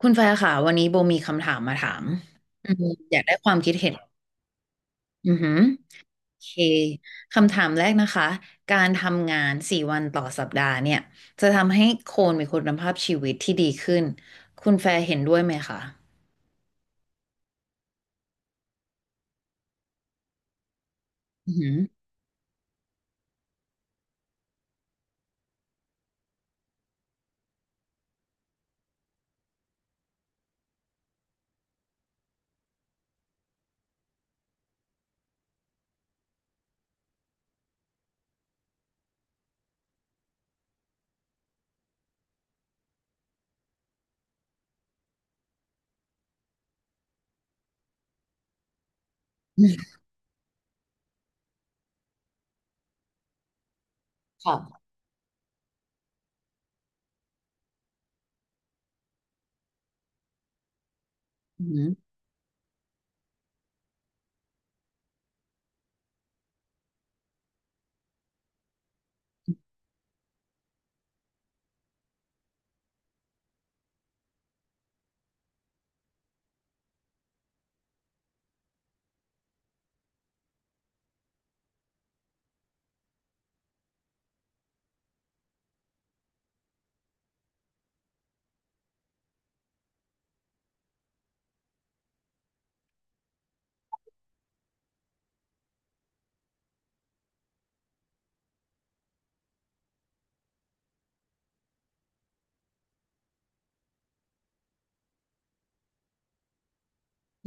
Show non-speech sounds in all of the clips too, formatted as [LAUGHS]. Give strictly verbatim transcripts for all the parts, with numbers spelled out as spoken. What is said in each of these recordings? คุณแฟร์ค่ะวันนี้โบมีคำถามมาถามอืมอยากได้ความคิดเห็นอือหือโอเคคำถามแรกนะคะการทำงานสี่วันต่อสัปดาห์เนี่ยจะทำให้คนมีคุณภาพชีวิตที่ดีขึ้นคุณแฟร์เห็นด้วยไหมคะอือหือค่ะอือหือ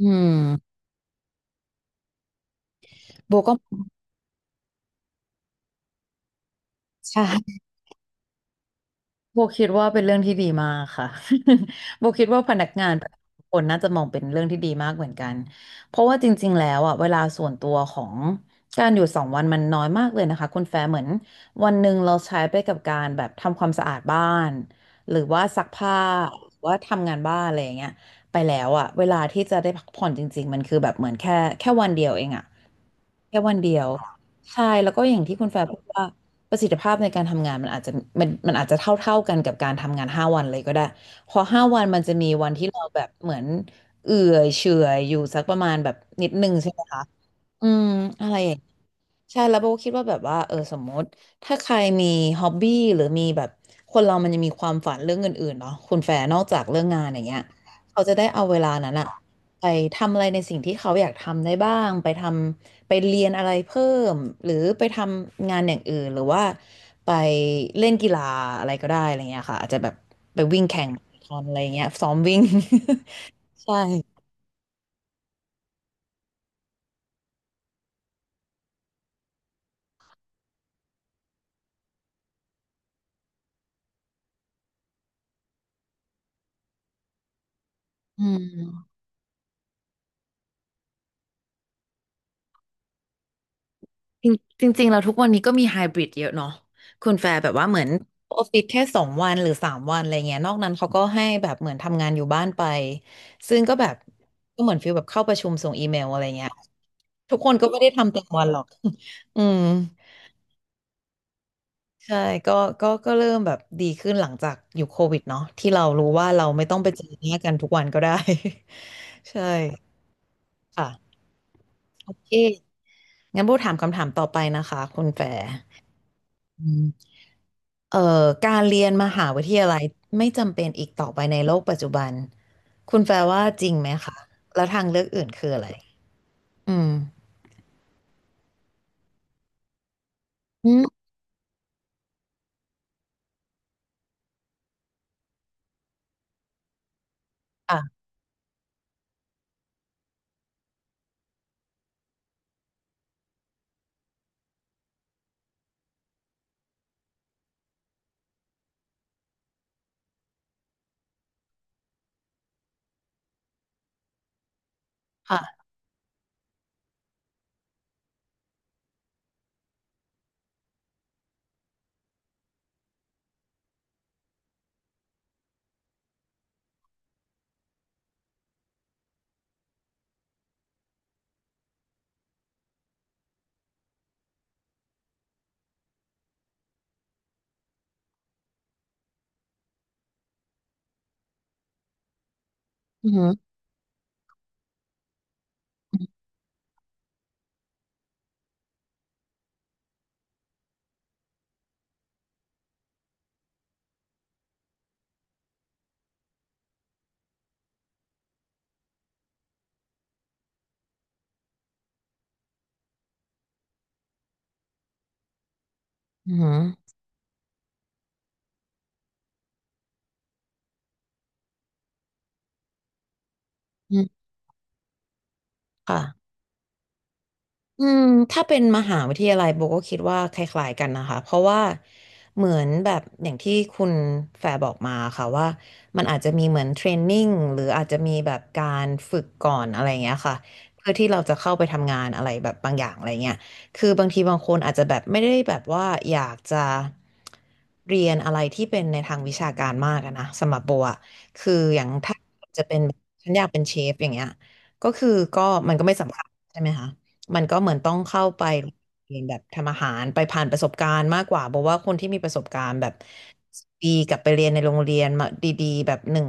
อืมโบก็ใช่ โบคิดว่าเป็นเรื่องที่ดีมากค่ะ [LAUGHS] โบคิดว่าพนักงานทุกคนน่าจะมองเป็นเรื่องที่ดีมากเหมือนกัน เพราะว่าจริงๆแล้วอ่ะเวลาส่วนตัวของการอยู่สองวันมันน้อยมากเลยนะคะคุณแฟร์เหมือนวันหนึ่งเราใช้ไปกับการแบบทำความสะอาดบ้านหรือว่าซักผ้าหรือว่าทำงานบ้านอะไรอย่างเงี้ยไปแล้วอ่ะเวลาที่จะได้พักผ่อนจริงๆมันคือแบบเหมือนแค่แค่วันเดียวเองอ่ะแค่วันเดียวใช่แล้วก็อย่างที่คุณแฟร์พูดว่า ประสิทธิภาพในการทำงานมันอาจจะมันมันอาจจะเท่าเท่ากันกับการทำงานห้าวันเลยก็ได้พอห้าวันมันจะมีวันที่เราแบบเหมือนเอื่อยเฉื่อยอยู่สักประมาณแบบนิดนึงใช่ไหมคะอืมอะไรอย่าง ใช่แล้วโบก็คิดว่าแบบว่าเออสมมติถ้าใครมีฮ็อบบี้หรือมีแบบคนเรามันจะมีความฝันเรื่องอื่นๆเนาะคุณแฟร์นอกจากเรื่องงานอย่างเงี้ยเขาจะได้เอาเวลานั้นอะไปทำอะไรในสิ่งที่เขาอยากทำได้บ้างไปทำไปเรียนอะไรเพิ่มหรือไปทำงานอย่างอื่นหรือว่าไปเล่นกีฬาอะไรก็ได้อะไรเงี้ยค่ะอาจจะแบบไปวิ่งแข่งมาราธอนอะไรเงี้ยซ้อมวิ่ง [LAUGHS] ใช่อืม จริงจริงๆเราทุกวันนี้ก็มีไฮบริดเยอะเนาะคุณแฟร์แบบว่าเหมือนออฟฟิศแค่สองวันหรือสามวันอะไรเงี้ยนอกนั้นเขาก็ให้แบบเหมือนทำงานอยู่บ้านไปซึ่งก็แบบก็เหมือนฟีลแบบเข้าประชุมส่งอีเมลอะไรเงี้ยทุกคนก็ไม่ได้ทำเต็มวันหรอก [LAUGHS] อืมใช่ก็ก็ก็เริ่มแบบดีขึ้นหลังจากอยู่โควิดเนาะที่เรารู้ว่าเราไม่ต้องไปเจอหน้ากันทุกวันก็ได้ [LAUGHS] ใช่ค่ะโอเคงั้นโบถามคำถามต่อไปนะคะคุณแฟร์ อืมเอ่อการเรียนมหาวิทยาลัยไม่จำเป็นอีกต่อไปในโลกปัจจุบันคุณแฟร์ว่าจริงไหมคะแล้วทางเลือกอื่นคืออะไรอืมอืมค่ะค่ะอืมอหืมออือหืออืมค่ะ อืมถ้าเป็นมหาวิทยาลัยโบก็คิดว่าคล้ายๆกันนะคะเพราะว่าเหมือนแบบอย่างที่คุณแฟร์บอกมาค่ะว่ามันอาจจะมีเหมือนเทรนนิ่งหรืออาจจะมีแบบการฝึกก่อนอะไรอย่างเงี้ยค่ะเพื่อที่เราจะเข้าไปทำงานอะไรแบบบางอย่างอะไรเงี้ยคือบางทีบางคนอาจจะแบบไม่ได้แบบว่าอยากจะเรียนอะไรที่เป็นในทางวิชาการมากอะนะสำหรับโบอะคืออย่างถ้าจะเป็นฉันอยากเป็นเชฟอย่างเงี้ยก็คือก็มันก็ไม่สำคัญใช่ไหมคะ มันก็เหมือนต้องเข้าไปเรียนแบบทำอาหารไปผ่านประสบการณ์มากกว่าเพราะว่าคนที่มีประสบการณ์แบบปีกลับไปเรียนในโรงเรียนมาดีๆแบบหนึ่ง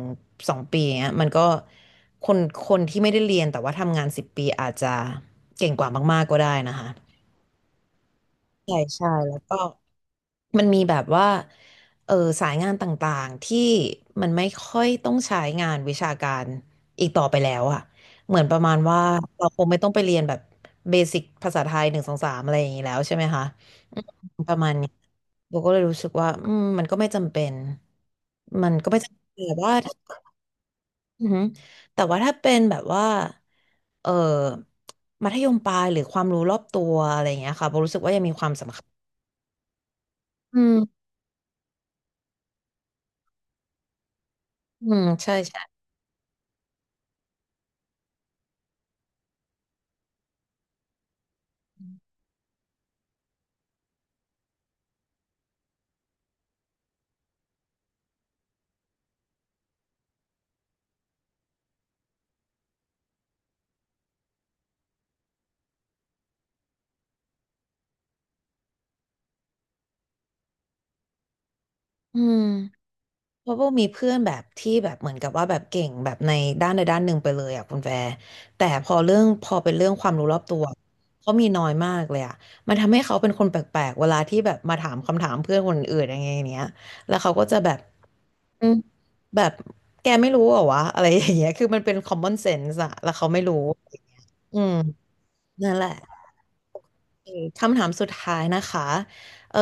สองปีอย่างเงี้ยมันก็คนคนที่ไม่ได้เรียนแต่ว่าทำงานสิบปีอาจจะเก่งกว่ามากๆก็ได้นะคะ ใช่ใช่แล้วก็มันมีแบบว่าเออสายงานต่างๆที่มันไม่ค่อยต้องใช้งานวิชาการอีกต่อไปแล้วอะเหมือนประมาณว่าเราคงไม่ต้องไปเรียนแบบเบสิกภาษาไทยหนึ่งสองสามอะไรอย่างนี้แล้วใช่ไหมคะอืมประมาณนี้โบก็เลยรู้สึกว่าอืมมันก็ไม่จำเป็นมันก็ไม่จำเป็นแต่ว่าอือหือแต่ว่าถ้าเป็นแบบว่าเออมัธยมปลายหรือความรู้รอบตัวอะไรอย่างเงี้ยค่ะโบรู้สึกว่ายังมีความสำคัญ อืมอืมใช่ใช่อืมเพราะว่ามีเพื่อนแบบที่แบบเหมือนกับว่าแบบเก่งแบบในด้านใดด้านหนึ่งไปเลยอ่ะคุณแฟร์แต่พอเรื่องพอเป็นเรื่องความรู้รอบตัวเขามีน้อยมากเลยอ่ะมันทำให้เขาเป็นคนแปลกๆเวลาที่แบบมาถามคำถามเพื่อนคนอื่นอย่างเงี้ยอย่างเงี้ยแล้วเขาก็จะแบบอืมแบบแกไม่รู้เหรอวะอะไรอย่างเงี้ยคือมันเป็น common sense อะแล้วเขาไม่รู้อืมนั่นแหละโอเคคำถามสุดท้ายนะคะเออ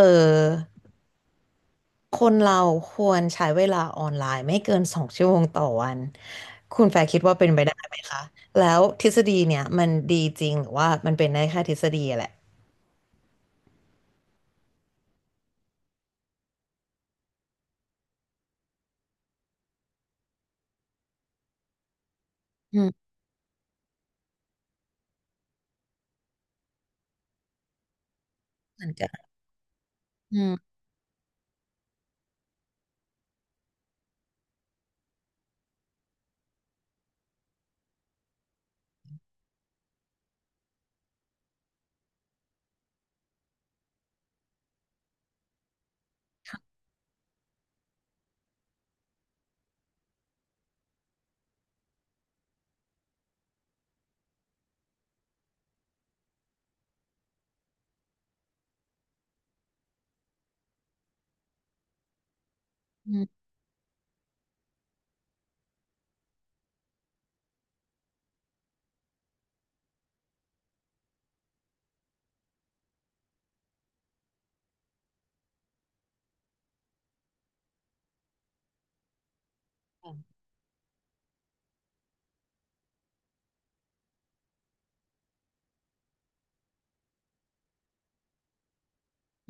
คนเราควรใช้เวลาออนไลน์ไม่เกินสองชั่วโมงต่อวัน คุณแฟร์คิดว่าเป็นไปได้ไหมคะ แล้วทฤษฎีเนี่ยมันดีจริงหรือว่ามันเป็นได้แค่ทฤษฎีอะแหละอืมเหมือนกันอืมอืม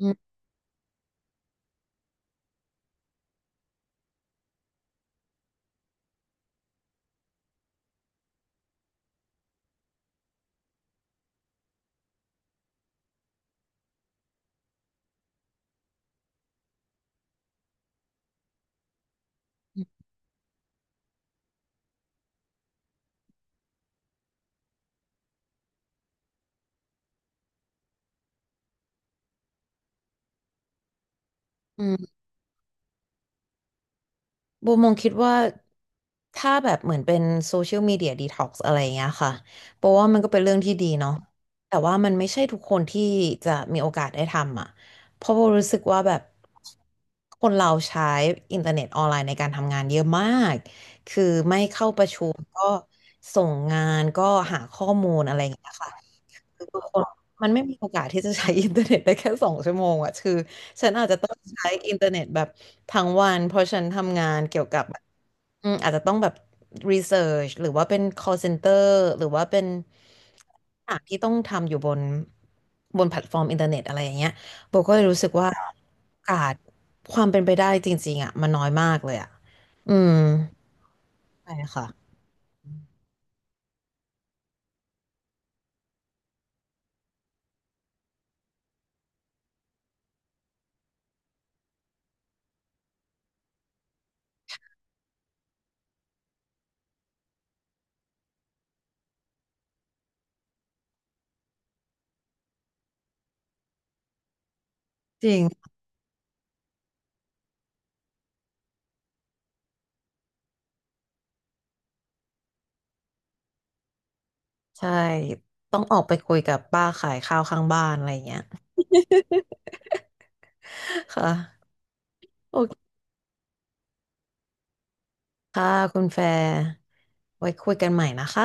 อืมอืม โบมองคิดว่าถ้าแบบเหมือนเป็นโซเชียลมีเดียดีท็อกซ์อะไรอย่างเงี้ยค่ะเพราะว่ามันก็เป็นเรื่องที่ดีเนาะแต่ว่ามันไม่ใช่ทุกคนที่จะมีโอกาสได้ทำอ่ะเพราะโบรู้สึกว่าแบบคนเราใช้อินเทอร์เน็ตออนไลน์ในการทำงานเยอะมากคือไม่เข้าประชุมก็ส่งงานก็หาข้อมูลอะไรอย่างเงี้ยค่ะ คือทุกคนมันไม่มีโอกาสที่จะใช้อินเทอร์เน็ตได้แค่สองชั่วโมงอ่ะคือฉันอาจจะต้องใช้อินเทอร์เน็ตแบบทั้งวันเพราะฉันทำงานเกี่ยวกับแบบอืมอาจจะต้องแบบรีเสิร์ชหรือว่าเป็น call center หรือว่าเป็นอ่านที่ต้องทำอยู่บนบนแพลตฟอร์มอินเทอร์เน็ตอะไรอย่างเงี้ยโบก็เลยรู้สึกว่าโอกาสความเป็นไปได้จริงๆอะมันน้อยมากเลยอะอืมใช่ค่ะจริงใช่ต้องออกไปคุยกับป้าขายข้าวข้างบ้านอะไรอย่างเงี้ย ค่ะโอเคค่ะคุณแฟร์ไว้คุยกันใหม่นะคะ